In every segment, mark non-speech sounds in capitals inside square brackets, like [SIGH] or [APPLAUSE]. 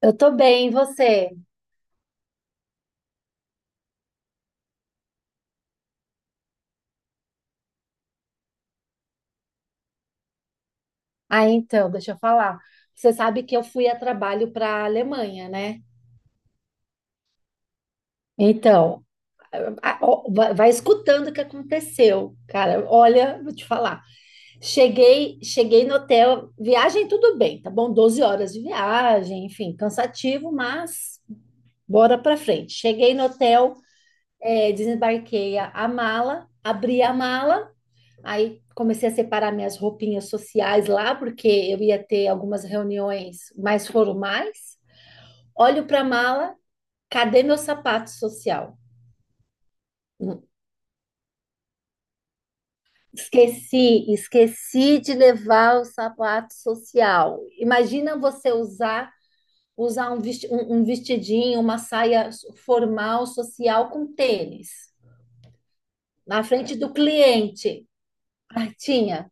Eu tô bem, e você? Ah, então, deixa eu falar. Você sabe que eu fui a trabalho para a Alemanha, né? Então, ó, vai escutando o que aconteceu, cara. Olha, vou te falar. Cheguei no hotel, viagem tudo bem, tá bom? 12 horas de viagem, enfim, cansativo, mas bora pra frente. Cheguei no hotel, desembarquei a mala, abri a mala. Aí comecei a separar minhas roupinhas sociais lá, porque eu ia ter algumas reuniões mais formais. Olho para a mala, cadê meu sapato social? Hum, esqueci de levar o sapato social. Imagina você usar um vestidinho, uma saia formal social com tênis na frente do cliente. Ah, tinha.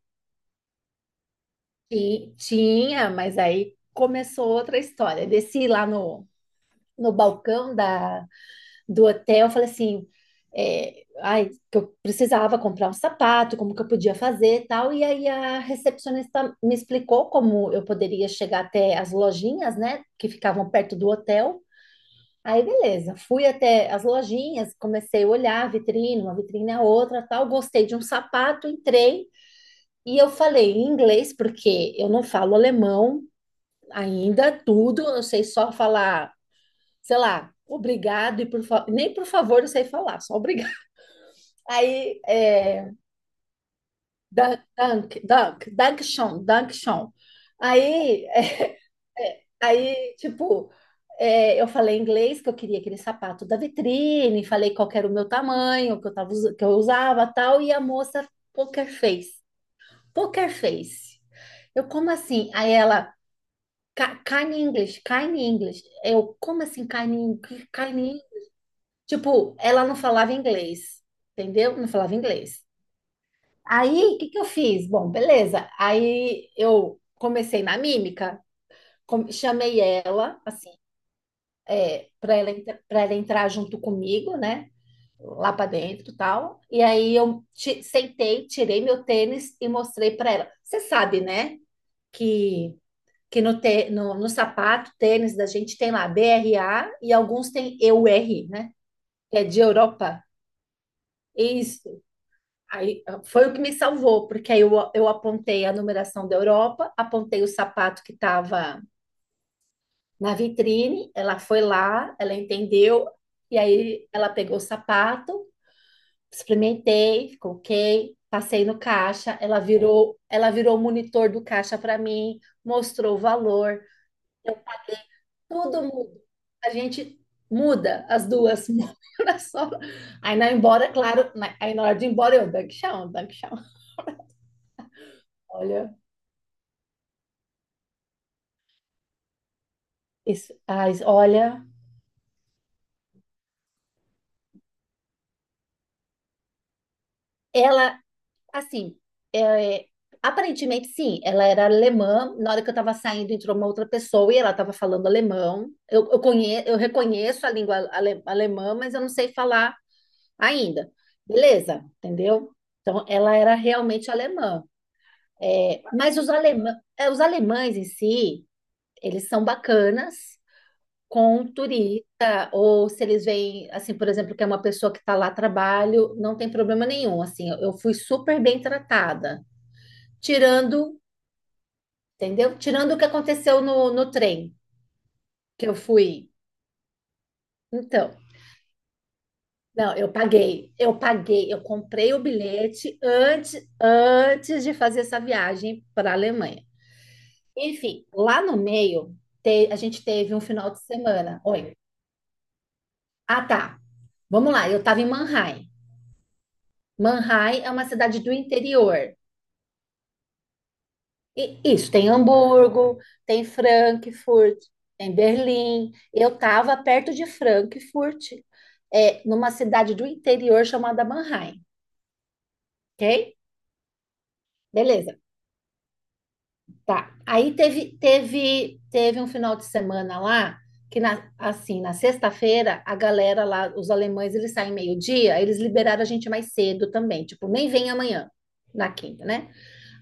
E tinha, mas aí começou outra história. Desci lá no balcão do hotel. Eu falei assim, ai, que eu precisava comprar um sapato, como que eu podia fazer e tal. E aí a recepcionista me explicou como eu poderia chegar até as lojinhas, né, que ficavam perto do hotel. Aí beleza, fui até as lojinhas, comecei a olhar a vitrine, uma vitrine a outra, tal, gostei de um sapato, entrei e eu falei em inglês porque eu não falo alemão ainda tudo. Eu sei só falar sei lá, obrigado e nem por favor eu sei falar, só obrigado. [LAUGHS] Aí, dank, dank, dank, dankshon, dankshon. Aí, é, aí, tipo, eu falei em inglês que eu queria aquele sapato da vitrine, falei qual que era o meu tamanho, que eu tava, que eu usava, tal, e a moça poker face, poker face. Eu, como assim? Aí ela, kind English, kind English." Eu, como assim, kind, kind Tipo, ela não falava inglês, entendeu? Não falava inglês. Aí, o que que eu fiz? Bom, beleza. Aí eu comecei na mímica, chamei ela, assim, para ela, pra ela entrar junto comigo, né? Lá para dentro, e tal. E aí eu sentei, tirei meu tênis e mostrei para ela. Você sabe, né? Que que no sapato, tênis da gente tem lá BRA e alguns tem EUR, né? Que é de Europa. Isso. Aí foi o que me salvou, porque aí eu apontei a numeração da Europa, apontei o sapato que estava na vitrine, ela foi lá, ela entendeu, e aí ela pegou o sapato, experimentei, ficou ok, passei no caixa, ela virou o monitor do caixa para mim, mostrou o valor, tudo muda. A gente muda as duas [LAUGHS] na só. Aí claro, aí na hora de ir embora eu, Dankchão, Dankchão. Olha, isso, ai, olha, ela, assim, é, aparentemente sim, ela era alemã. Na hora que eu estava saindo, entrou uma outra pessoa e ela estava falando alemão. Eu reconheço a língua alemã, mas eu não sei falar ainda. Beleza, entendeu? Então, ela era realmente alemã. É, mas os alemães em si, eles são bacanas com um turista, ou se eles veem, assim, por exemplo, que é uma pessoa que está lá a trabalho, não tem problema nenhum. Assim, eu fui super bem tratada, tirando, entendeu? Tirando o que aconteceu no trem que eu fui. Então, não, eu paguei, eu comprei o bilhete antes de fazer essa viagem para a Alemanha. Enfim, lá no meio, a gente teve um final de semana. Oi. Ah, tá. Vamos lá, eu estava em Mannheim. Mannheim é uma cidade do interior. E isso, tem Hamburgo, tem Frankfurt, tem Berlim. Eu estava perto de Frankfurt, numa cidade do interior chamada Mannheim, ok? Beleza, tá. Aí teve um final de semana lá, que assim, na sexta-feira, a galera lá, os alemães, eles saem meio-dia, eles liberaram a gente mais cedo também, tipo, nem vem amanhã, na quinta, né?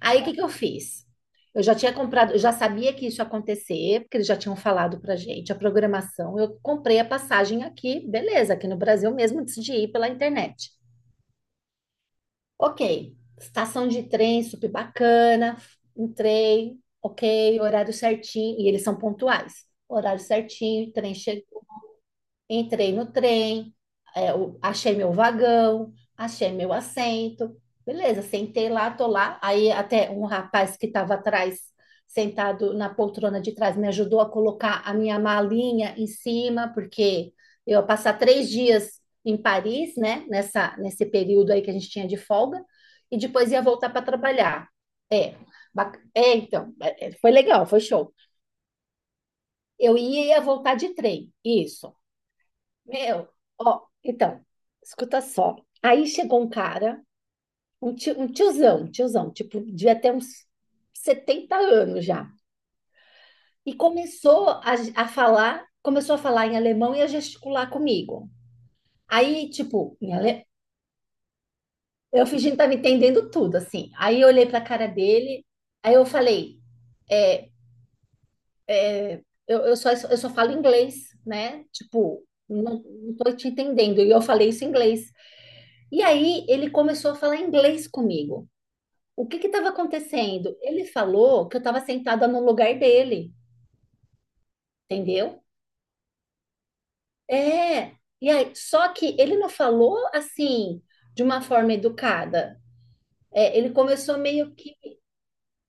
Aí o que que eu fiz? Eu já tinha comprado, eu já sabia que isso ia acontecer, porque eles já tinham falado pra gente a programação. Eu comprei a passagem aqui, beleza, aqui no Brasil mesmo, antes de ir pela internet. Ok, estação de trem super bacana, entrei, ok, horário certinho, e eles são pontuais. Horário certinho, trem che entrei no trem, achei meu vagão, achei meu assento. Beleza, sentei lá, tô lá. Aí até um rapaz que estava atrás, sentado na poltrona de trás, me ajudou a colocar a minha malinha em cima, porque eu ia passar 3 dias em Paris, né? Nesse período aí que a gente tinha de folga, e depois ia voltar para trabalhar. É, então, foi legal, foi show. Eu ia voltar de trem, isso. Meu, ó, então, escuta só. Aí chegou um cara, um tiozão, tipo, devia ter uns 70 anos já. E começou a falar em alemão e a gesticular comigo. Aí, tipo, eu fingindo que tava entendendo tudo, assim. Aí eu olhei pra cara dele, aí eu falei, é, eu só falo inglês, né? Tipo, não, não tô te entendendo. E eu falei isso em inglês. E aí ele começou a falar inglês comigo. O que estava acontecendo? Ele falou que eu estava sentada no lugar dele, entendeu? É. E aí, só que ele não falou assim de uma forma educada. Ele começou meio que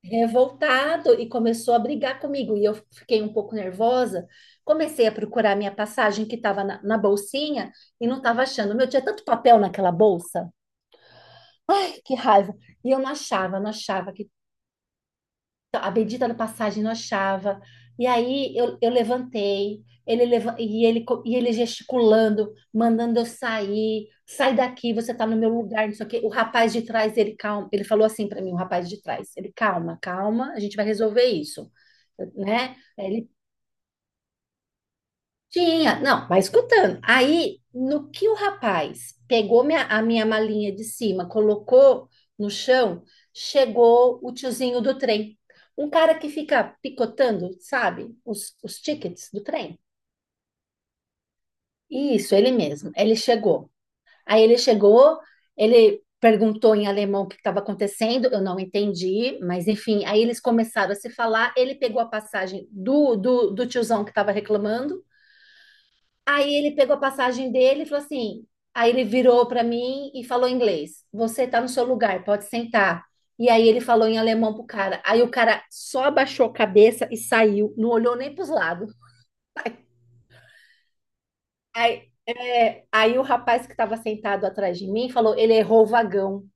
revoltado e começou a brigar comigo. E eu fiquei um pouco nervosa. Comecei a procurar minha passagem que estava na bolsinha e não estava achando. Meu, tinha tanto papel naquela bolsa. Ai, que raiva! E eu não achava, não achava. Então, a bendita da passagem não achava. E aí eu levantei, ele leva, e, ele, co- e ele gesticulando, mandando eu sair, sai daqui, você tá no meu lugar, não sei o quê. O rapaz de trás, ele calma, ele falou assim para mim, o rapaz de trás, ele calma, calma, a gente vai resolver isso, né? Ele tinha, não, vai escutando. Aí, no que o rapaz pegou a minha malinha de cima, colocou no chão, chegou o tiozinho do trem. Um cara que fica picotando, sabe, os tickets do trem. Isso, ele mesmo. Ele chegou. Aí ele chegou, ele perguntou em alemão o que estava acontecendo, eu não entendi, mas enfim, aí eles começaram a se falar. Ele pegou a passagem do tiozão que estava reclamando. Aí ele pegou a passagem dele e falou assim. Aí ele virou para mim e falou em inglês: "Você tá no seu lugar, pode sentar." E aí ele falou em alemão pro cara. Aí o cara só abaixou a cabeça e saiu, não olhou nem pros lados. Aí o rapaz que estava sentado atrás de mim falou: "Ele errou o vagão."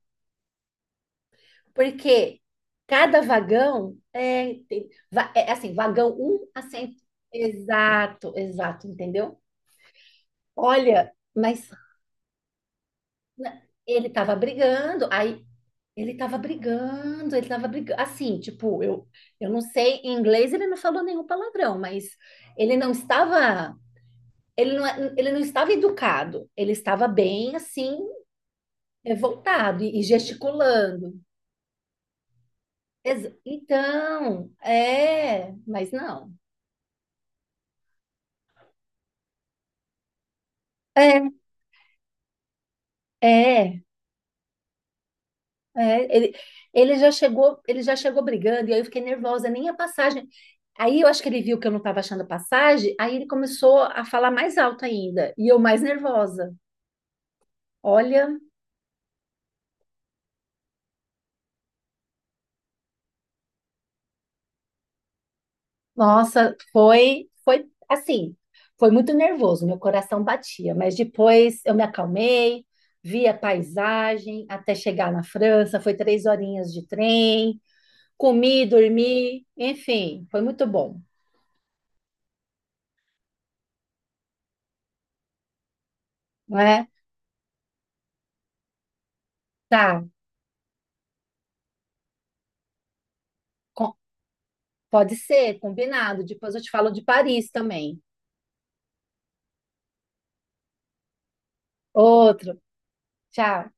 Porque cada vagão é assim: vagão um assento. Exato, exato, entendeu? Olha, mas. na- Ele estava brigando, aí ele tava brigando. Assim, tipo, eu não sei, em inglês ele não falou nenhum palavrão, mas ele não estava, ele não, é, ele não estava educado, ele estava bem assim, revoltado e gesticulando. Então, mas não. É, é, é. Ele já chegou brigando, e aí eu fiquei nervosa, nem a passagem. Aí eu acho que ele viu que eu não estava achando a passagem, aí ele começou a falar mais alto ainda, e eu mais nervosa. Olha, nossa, foi, assim, foi muito nervoso, meu coração batia, mas depois eu me acalmei, vi a paisagem até chegar na França, foi 3 horinhas de trem, comi, dormi, enfim, foi muito bom, não é? Tá, co- pode ser, combinado, depois eu te falo de Paris também. Outro, tchau.